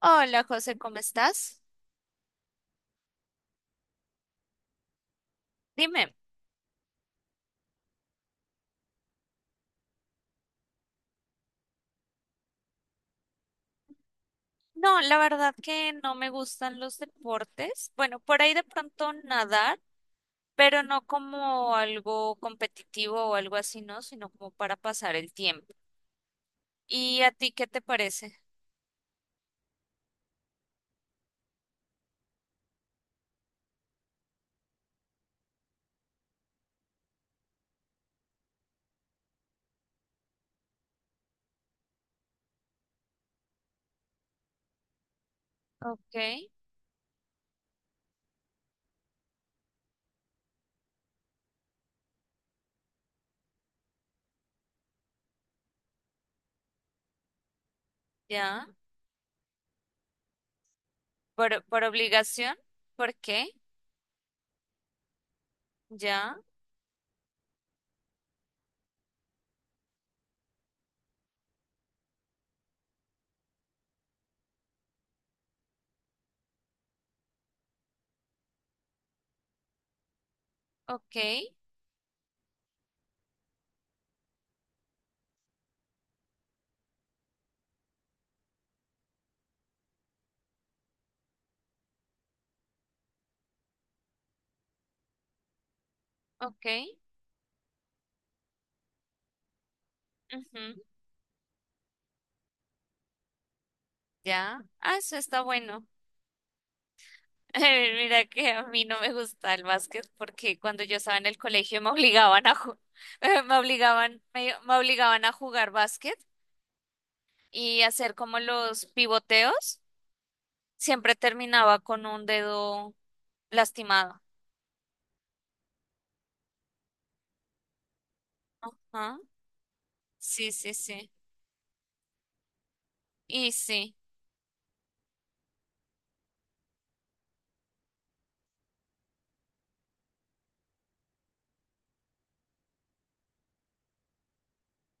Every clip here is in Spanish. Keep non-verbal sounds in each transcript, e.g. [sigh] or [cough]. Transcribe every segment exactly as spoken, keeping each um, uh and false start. Hola José, ¿cómo estás? Dime, no, la verdad que no me gustan los deportes. Bueno, por ahí de pronto nadar, pero no como algo competitivo o algo así, ¿no? Sino como para pasar el tiempo. ¿Y a ti qué te parece? Ok, ya. ¿Por, por obligación? ¿Por qué? Ya. Ok, ok. Ujú, ya. Ah, eso está bueno. [laughs] Mira que a mí no me gusta el básquet porque cuando yo estaba en el colegio me obligaban a ju- [laughs] me obligaban me, me obligaban a jugar básquet y hacer como los pivoteos, siempre terminaba con un dedo lastimado. Ajá. Sí, sí, sí. Y sí.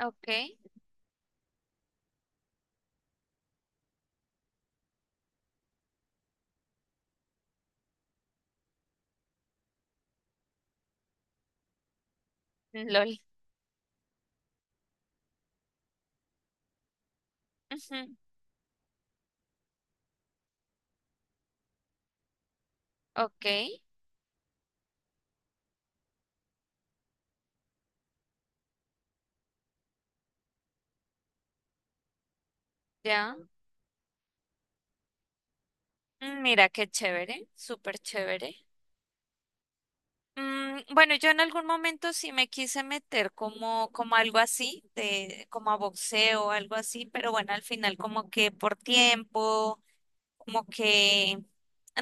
Okay. L O L. Ujú. Ok, ya. Mm, mira qué chévere, súper chévere. Mm, bueno, yo en algún momento sí me quise meter como, como algo así, de, como a boxeo, algo así, pero bueno, al final como que por tiempo, como que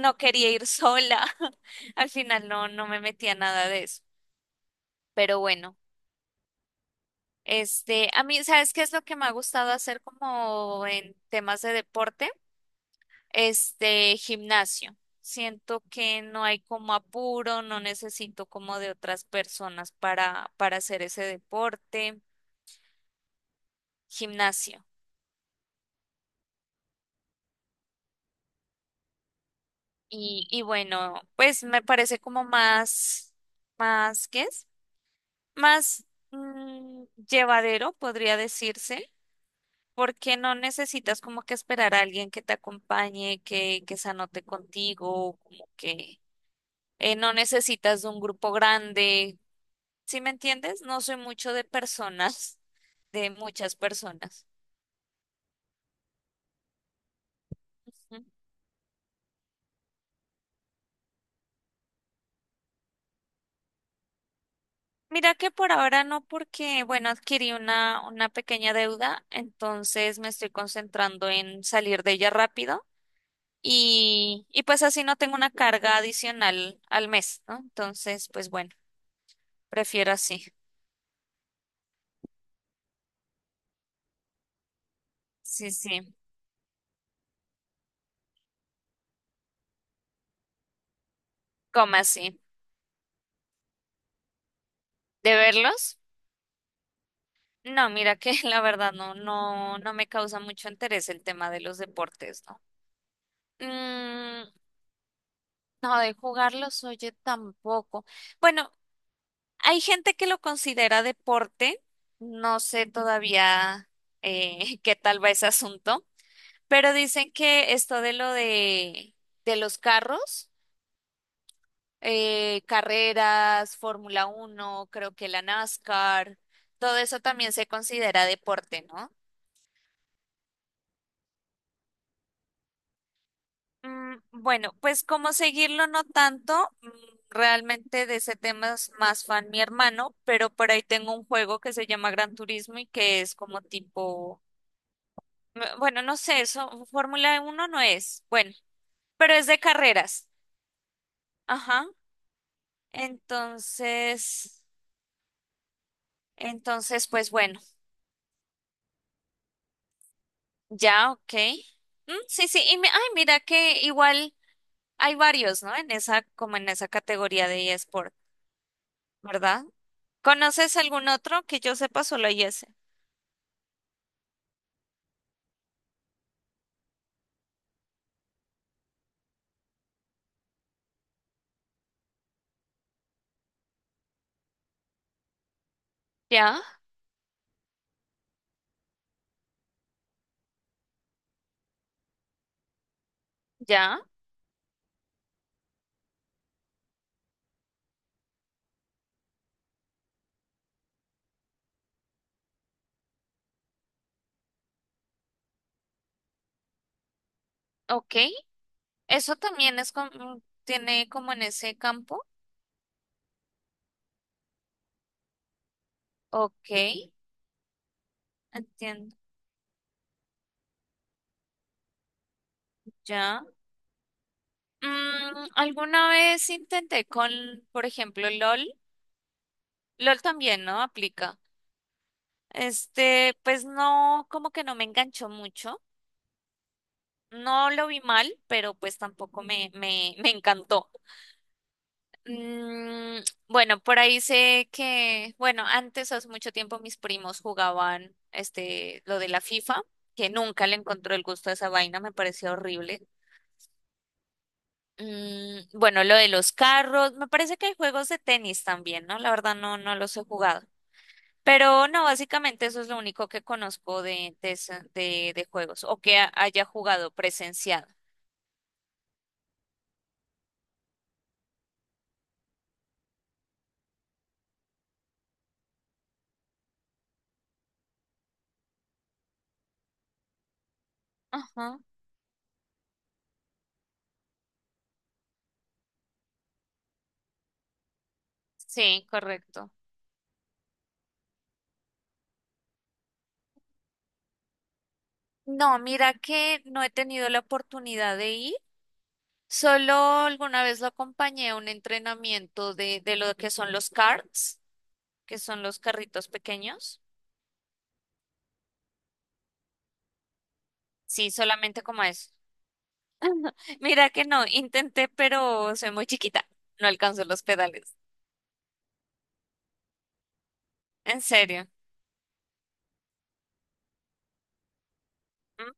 no quería ir sola, [laughs] al final no, no me metía nada de eso. Pero bueno, este, a mí, ¿sabes qué es lo que me ha gustado hacer como en temas de deporte? Este gimnasio. Siento que no hay como apuro, no necesito como de otras personas para, para hacer ese deporte, gimnasio. Y, y bueno, pues me parece como más, más, ¿qué es? Más mm, llevadero, podría decirse, porque no necesitas como que esperar a alguien que te acompañe, que, que se anote contigo, como que eh, no necesitas de un grupo grande. ¿Sí me entiendes? No soy mucho de personas, [laughs] de muchas personas. ¿Mm? Mira que por ahora no, porque, bueno, adquirí una, una pequeña deuda, entonces me estoy concentrando en salir de ella rápido y, y pues así no tengo una carga adicional al mes, ¿no? Entonces, pues bueno, prefiero así. Sí, sí, como así. ¿De verlos? No, mira que [laughs] la verdad no, no, no me causa mucho interés el tema de los deportes, ¿no? Mm, no, de jugarlos, oye, tampoco. Bueno, hay gente que lo considera deporte, no sé todavía eh, [laughs] qué tal va ese asunto, pero dicen que esto de lo de, de los carros, eh, carreras, Fórmula Uno, creo que la NASCAR, todo eso también se considera deporte, ¿no? Mm, bueno, pues como seguirlo no tanto, mm, realmente de ese tema es más fan mi hermano, pero por ahí tengo un juego que se llama Gran Turismo y que es como tipo, mm, bueno, no sé, eso, Fórmula uno no es, bueno, pero es de carreras. Ajá. Entonces, entonces, pues bueno, ya, ok. Mm, sí, sí, y mi- ay, mira que igual hay varios, ¿no? En esa, como en esa categoría de e sport, ¿verdad? ¿Conoces algún otro que yo sepa solo hay ese? Ya, ya, ok. Eso también es como, tiene como en ese campo. Ok, entiendo. Ya. Mm, alguna vez intenté con, por ejemplo, L O L. LOL también, ¿no? Aplica. Este, pues no, como que no me enganchó mucho. No lo vi mal, pero pues tampoco me, me, me encantó. Mm, bueno, por ahí sé que, bueno, antes hace mucho tiempo mis primos jugaban este lo de la FIFA, que nunca le encontró el gusto a esa vaina, me pareció horrible. Mm, bueno, lo de los carros, me parece que hay juegos de tenis también, ¿no? La verdad no, no los he jugado. Pero no, básicamente eso es lo único que conozco de, de, esa- de, de juegos o que ha- haya jugado presenciado. Ajá, sí, correcto. No, mira que no he tenido la oportunidad de ir. Solo alguna vez lo acompañé a un entrenamiento de, de lo que son los karts, que son los carritos pequeños. Sí, solamente como eso. [laughs] Mira que no, intenté, pero soy muy chiquita. No alcanzo los pedales. En serio. [laughs] ¿Mm?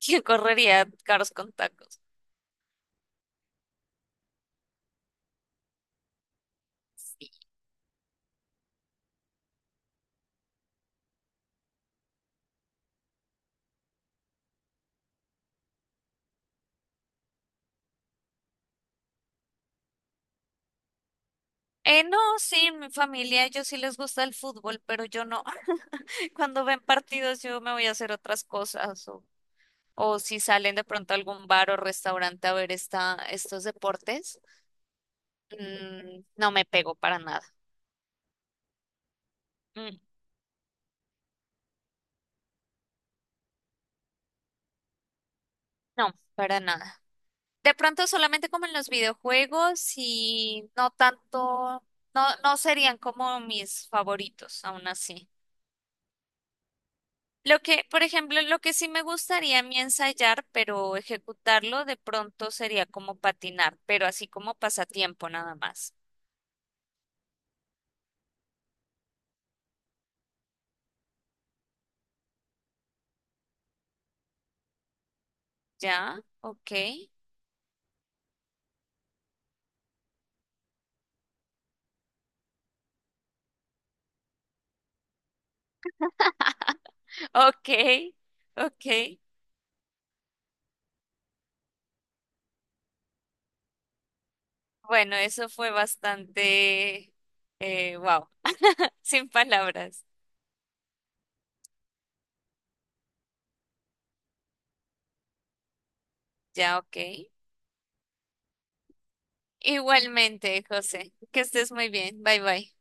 ¿Quién correría carros con tacos? Sí. Eh, no, sí, en mi familia, ellos sí les gusta el fútbol, pero yo no. [laughs] Cuando ven partidos, yo me voy a hacer otras cosas. O, o si salen de pronto a algún bar o restaurante a ver esta, estos deportes. Mm, no me pego para nada. Mm, no, para nada. De pronto solamente como en los videojuegos y no tanto, no, no serían como mis favoritos, aún así. Lo que, por ejemplo, lo que sí me gustaría a mí ensayar, pero ejecutarlo de pronto sería como patinar, pero así como pasatiempo nada más. ¿Ya? Ok, [laughs] ok, ok. Bueno, eso fue bastante, eh, wow, [laughs] sin palabras. Ya, ok. Igualmente, José. Que estés muy bien. Bye bye.